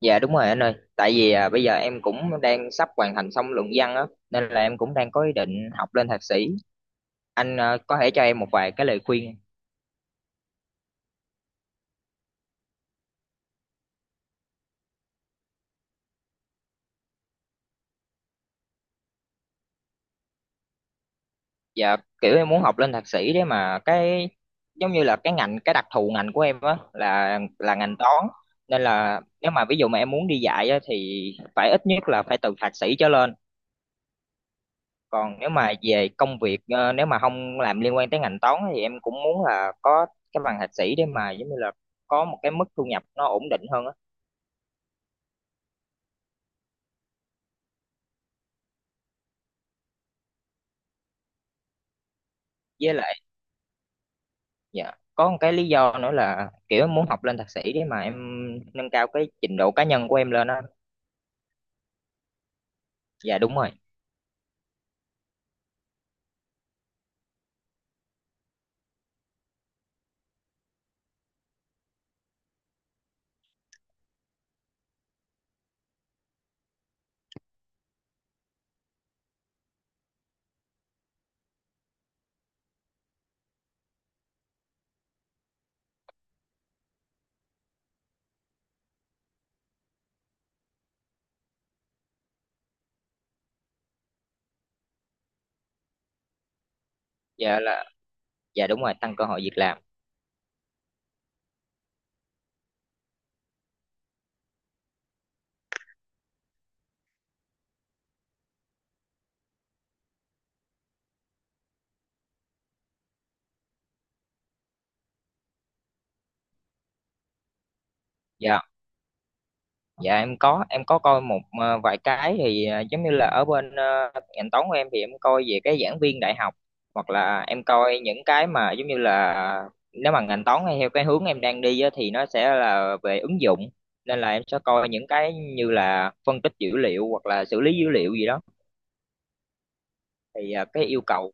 Dạ đúng rồi anh ơi, tại vì à, bây giờ em cũng đang sắp hoàn thành xong luận văn á, nên là em cũng đang có ý định học lên thạc sĩ. Anh à, có thể cho em một vài cái lời khuyên. Dạ kiểu em muốn học lên thạc sĩ đấy mà cái giống như là cái ngành cái đặc thù ngành của em á là ngành toán. Nên là nếu mà ví dụ mà em muốn đi dạy á, thì phải ít nhất là phải từ thạc sĩ trở lên. Còn nếu mà về công việc nếu mà không làm liên quan tới ngành toán á, thì em cũng muốn là có cái bằng thạc sĩ để mà giống như là có một cái mức thu nhập nó ổn định hơn á. Với lại dạ có một cái lý do nữa là kiểu em muốn học lên thạc sĩ để mà em nâng cao cái trình độ cá nhân của em lên á. Dạ đúng rồi. Dạ là, dạ đúng rồi, tăng cơ hội việc làm. Dạ dạ, em có coi một vài cái thì giống như là ở bên ngành toán của em thì em coi về cái giảng viên đại học, hoặc là em coi những cái mà giống như là nếu mà ngành toán hay theo cái hướng em đang đi á, thì nó sẽ là về ứng dụng, nên là em sẽ coi những cái như là phân tích dữ liệu hoặc là xử lý dữ liệu gì đó. Thì à, cái yêu cầu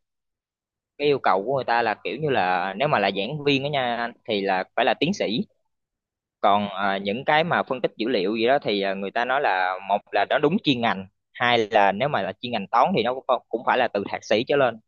cái yêu cầu của người ta là kiểu như là nếu mà là giảng viên đó nha anh, thì là phải là tiến sĩ. Còn à, những cái mà phân tích dữ liệu gì đó thì à, người ta nói là một là nó đúng chuyên ngành, hai là nếu mà là chuyên ngành toán thì nó cũng phải là từ thạc sĩ trở lên.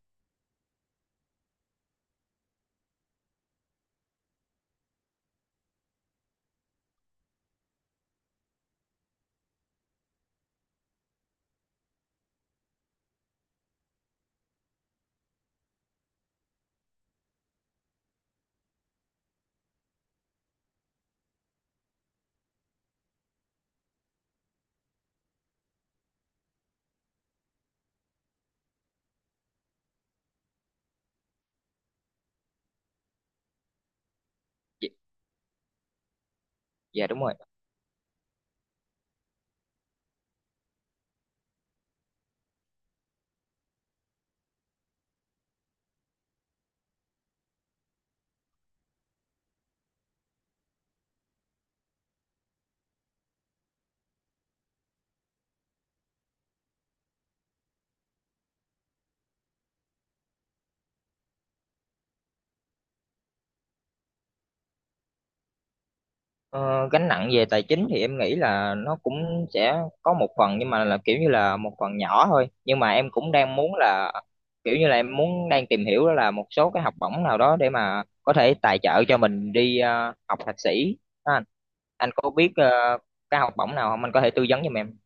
Dạ dạ, đúng rồi. Ờ, Gánh nặng về tài chính thì em nghĩ là nó cũng sẽ có một phần, nhưng mà là kiểu như là một phần nhỏ thôi, nhưng mà em cũng đang muốn là kiểu như là em muốn đang tìm hiểu đó là một số cái học bổng nào đó để mà có thể tài trợ cho mình đi học thạc sĩ đó anh. Anh có biết cái học bổng nào không, anh có thể tư vấn giùm em?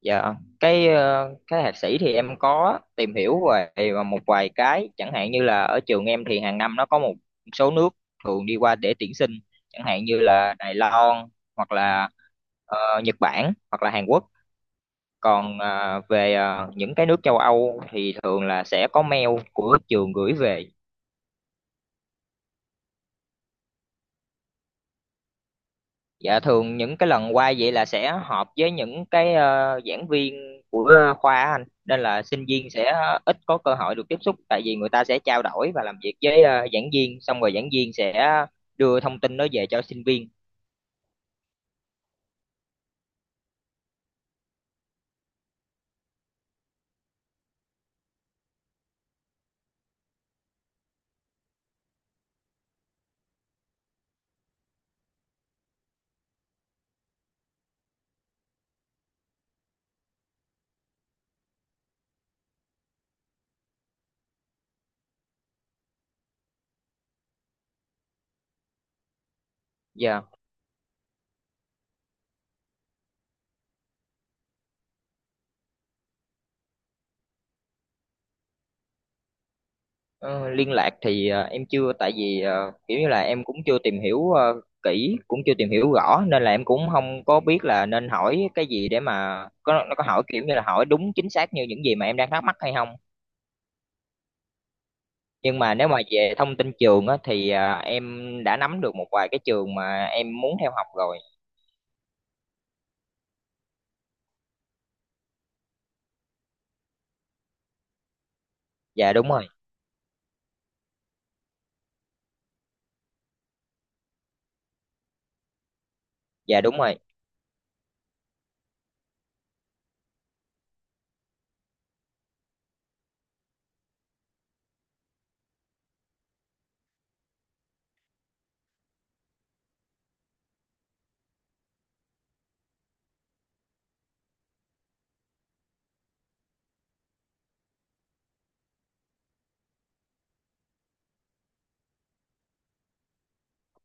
Dạ cái thạc sĩ thì em có tìm hiểu về một vài cái, chẳng hạn như là ở trường em thì hàng năm nó có một số nước thường đi qua để tuyển sinh, chẳng hạn như là Đài Loan hoặc là ờ, Nhật Bản hoặc là Hàn Quốc. Còn về những cái nước châu Âu thì thường là sẽ có mail của trường gửi về. Dạ thường những cái lần qua vậy là sẽ họp với những cái giảng viên của khoa á anh, nên là sinh viên sẽ ít có cơ hội được tiếp xúc, tại vì người ta sẽ trao đổi và làm việc với giảng viên, xong rồi giảng viên sẽ đưa thông tin đó về cho sinh viên. Dạ. Ờ, Liên lạc thì em chưa, tại vì kiểu như là em cũng chưa tìm hiểu kỹ, cũng chưa tìm hiểu rõ, nên là em cũng không có biết là nên hỏi cái gì để mà có nó có hỏi kiểu như là hỏi đúng chính xác như những gì mà em đang thắc mắc hay không. Nhưng mà nếu mà về thông tin trường á thì à, em đã nắm được một vài cái trường mà em muốn theo học rồi. Dạ đúng rồi. Dạ đúng rồi,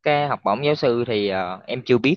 cái học bổng giáo sư thì à, em chưa biết.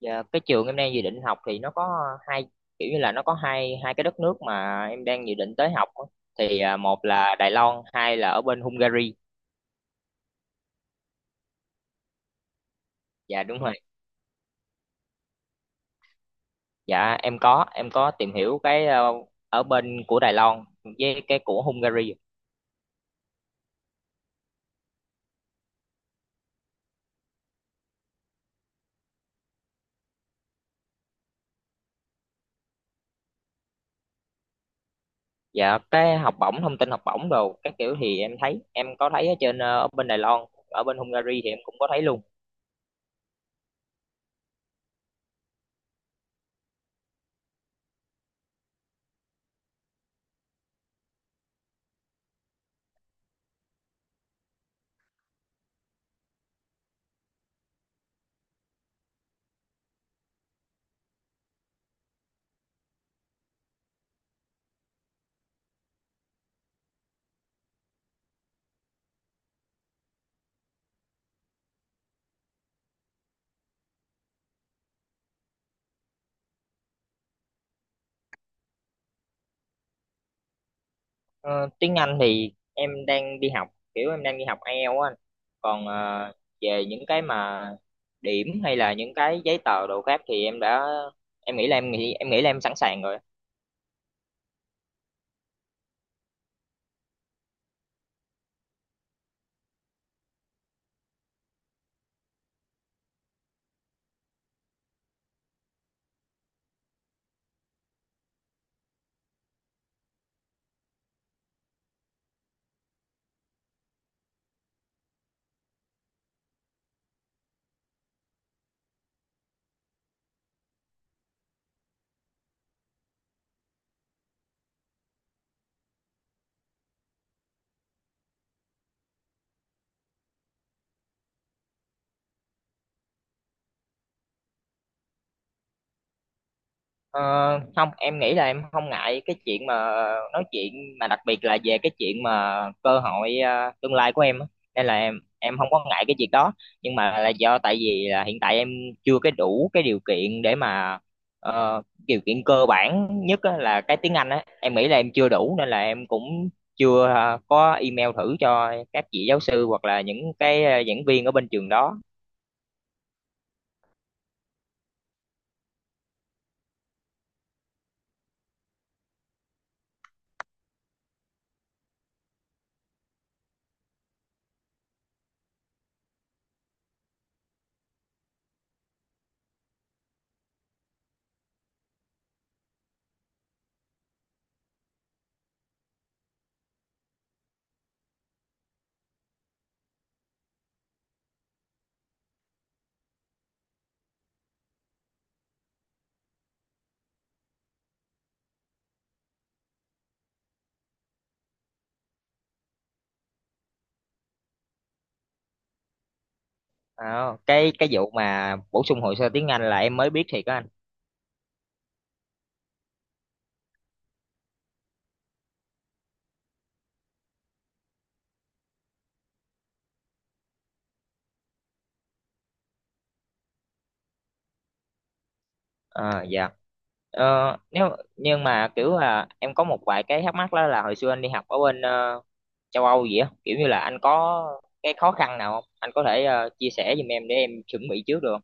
Dạ, cái trường em đang dự định học thì nó có hai, kiểu như là nó có hai hai cái đất nước mà em đang dự định tới học á. Thì à, một là Đài Loan, hai là ở bên Hungary. Dạ đúng rồi. Dạ em có tìm hiểu cái ở bên của Đài Loan với cái của Hungary. Dạ cái học bổng, thông tin học bổng đồ các kiểu, thì em thấy em có thấy ở trên ở bên Đài Loan, ở bên Hungary thì em cũng có thấy luôn. Ờ, Tiếng Anh thì em đang đi học, kiểu em đang đi học IELTS á anh. Còn về những cái mà điểm hay là những cái giấy tờ đồ khác thì em đã em nghĩ là em nghĩ là em sẵn sàng rồi á. Ờ, Không, em nghĩ là em không ngại cái chuyện mà nói chuyện, mà đặc biệt là về cái chuyện mà cơ hội tương lai của em á. Nên là em không có ngại cái việc đó. Nhưng mà là do tại vì là hiện tại em chưa cái đủ cái điều kiện để mà điều kiện cơ bản nhất á, là cái tiếng Anh á, em nghĩ là em chưa đủ, nên là em cũng chưa có email thử cho các vị giáo sư hoặc là những cái giảng viên ở bên trường đó. Cái vụ mà bổ sung hồ sơ tiếng Anh là em mới biết thiệt á anh. Ờ, dạ. Ờ, nếu Nhưng mà kiểu là em có một vài cái thắc mắc đó là hồi xưa anh đi học ở bên châu Âu vậy á, kiểu như là anh có cái khó khăn nào không? Anh có thể chia sẻ giùm em để em chuẩn bị trước được không?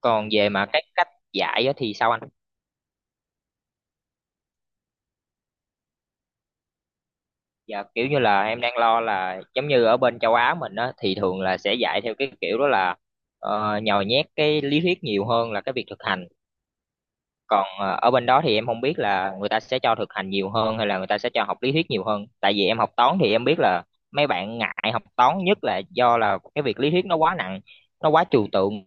Còn về mà cái cách dạy á thì sao anh? Dạ kiểu như là em đang lo là giống như ở bên châu Á mình á thì thường là sẽ dạy theo cái kiểu đó là nhồi nhét cái lý thuyết nhiều hơn là cái việc thực hành. Còn ở bên đó thì em không biết là người ta sẽ cho thực hành nhiều hơn hay là người ta sẽ cho học lý thuyết nhiều hơn, tại vì em học toán thì em biết là mấy bạn ngại học toán nhất là do là cái việc lý thuyết nó quá nặng, nó quá trừu tượng.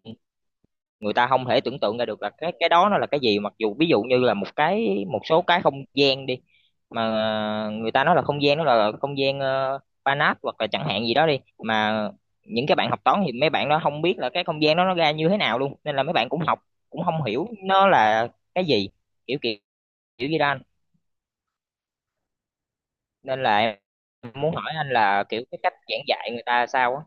Người ta không thể tưởng tượng ra được là cái đó nó là cái gì, mặc dù ví dụ như là một số cái không gian đi, mà người ta nói là không gian đó là không gian Banach hoặc là chẳng hạn gì đó đi, mà những cái bạn học toán thì mấy bạn đó không biết là cái không gian đó nó ra như thế nào luôn, nên là mấy bạn cũng học cũng không hiểu nó là cái gì kiểu kiểu kiểu gì đó anh. Nên là em muốn hỏi anh là kiểu cái cách giảng dạy người ta sao á.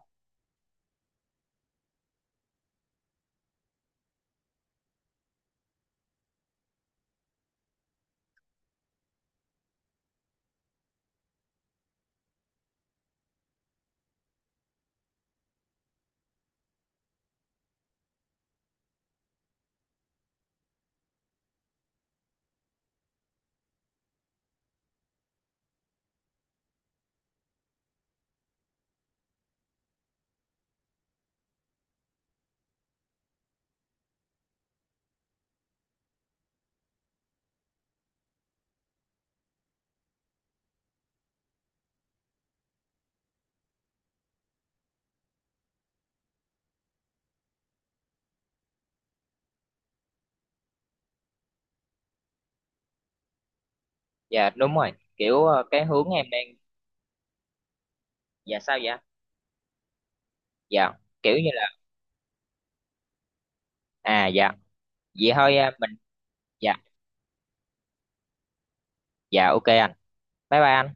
Dạ đúng rồi, kiểu cái hướng em đang. Dạ sao vậy? Dạ kiểu như là. À dạ. Vậy thôi mình. Dạ dạ ok anh. Bye bye anh.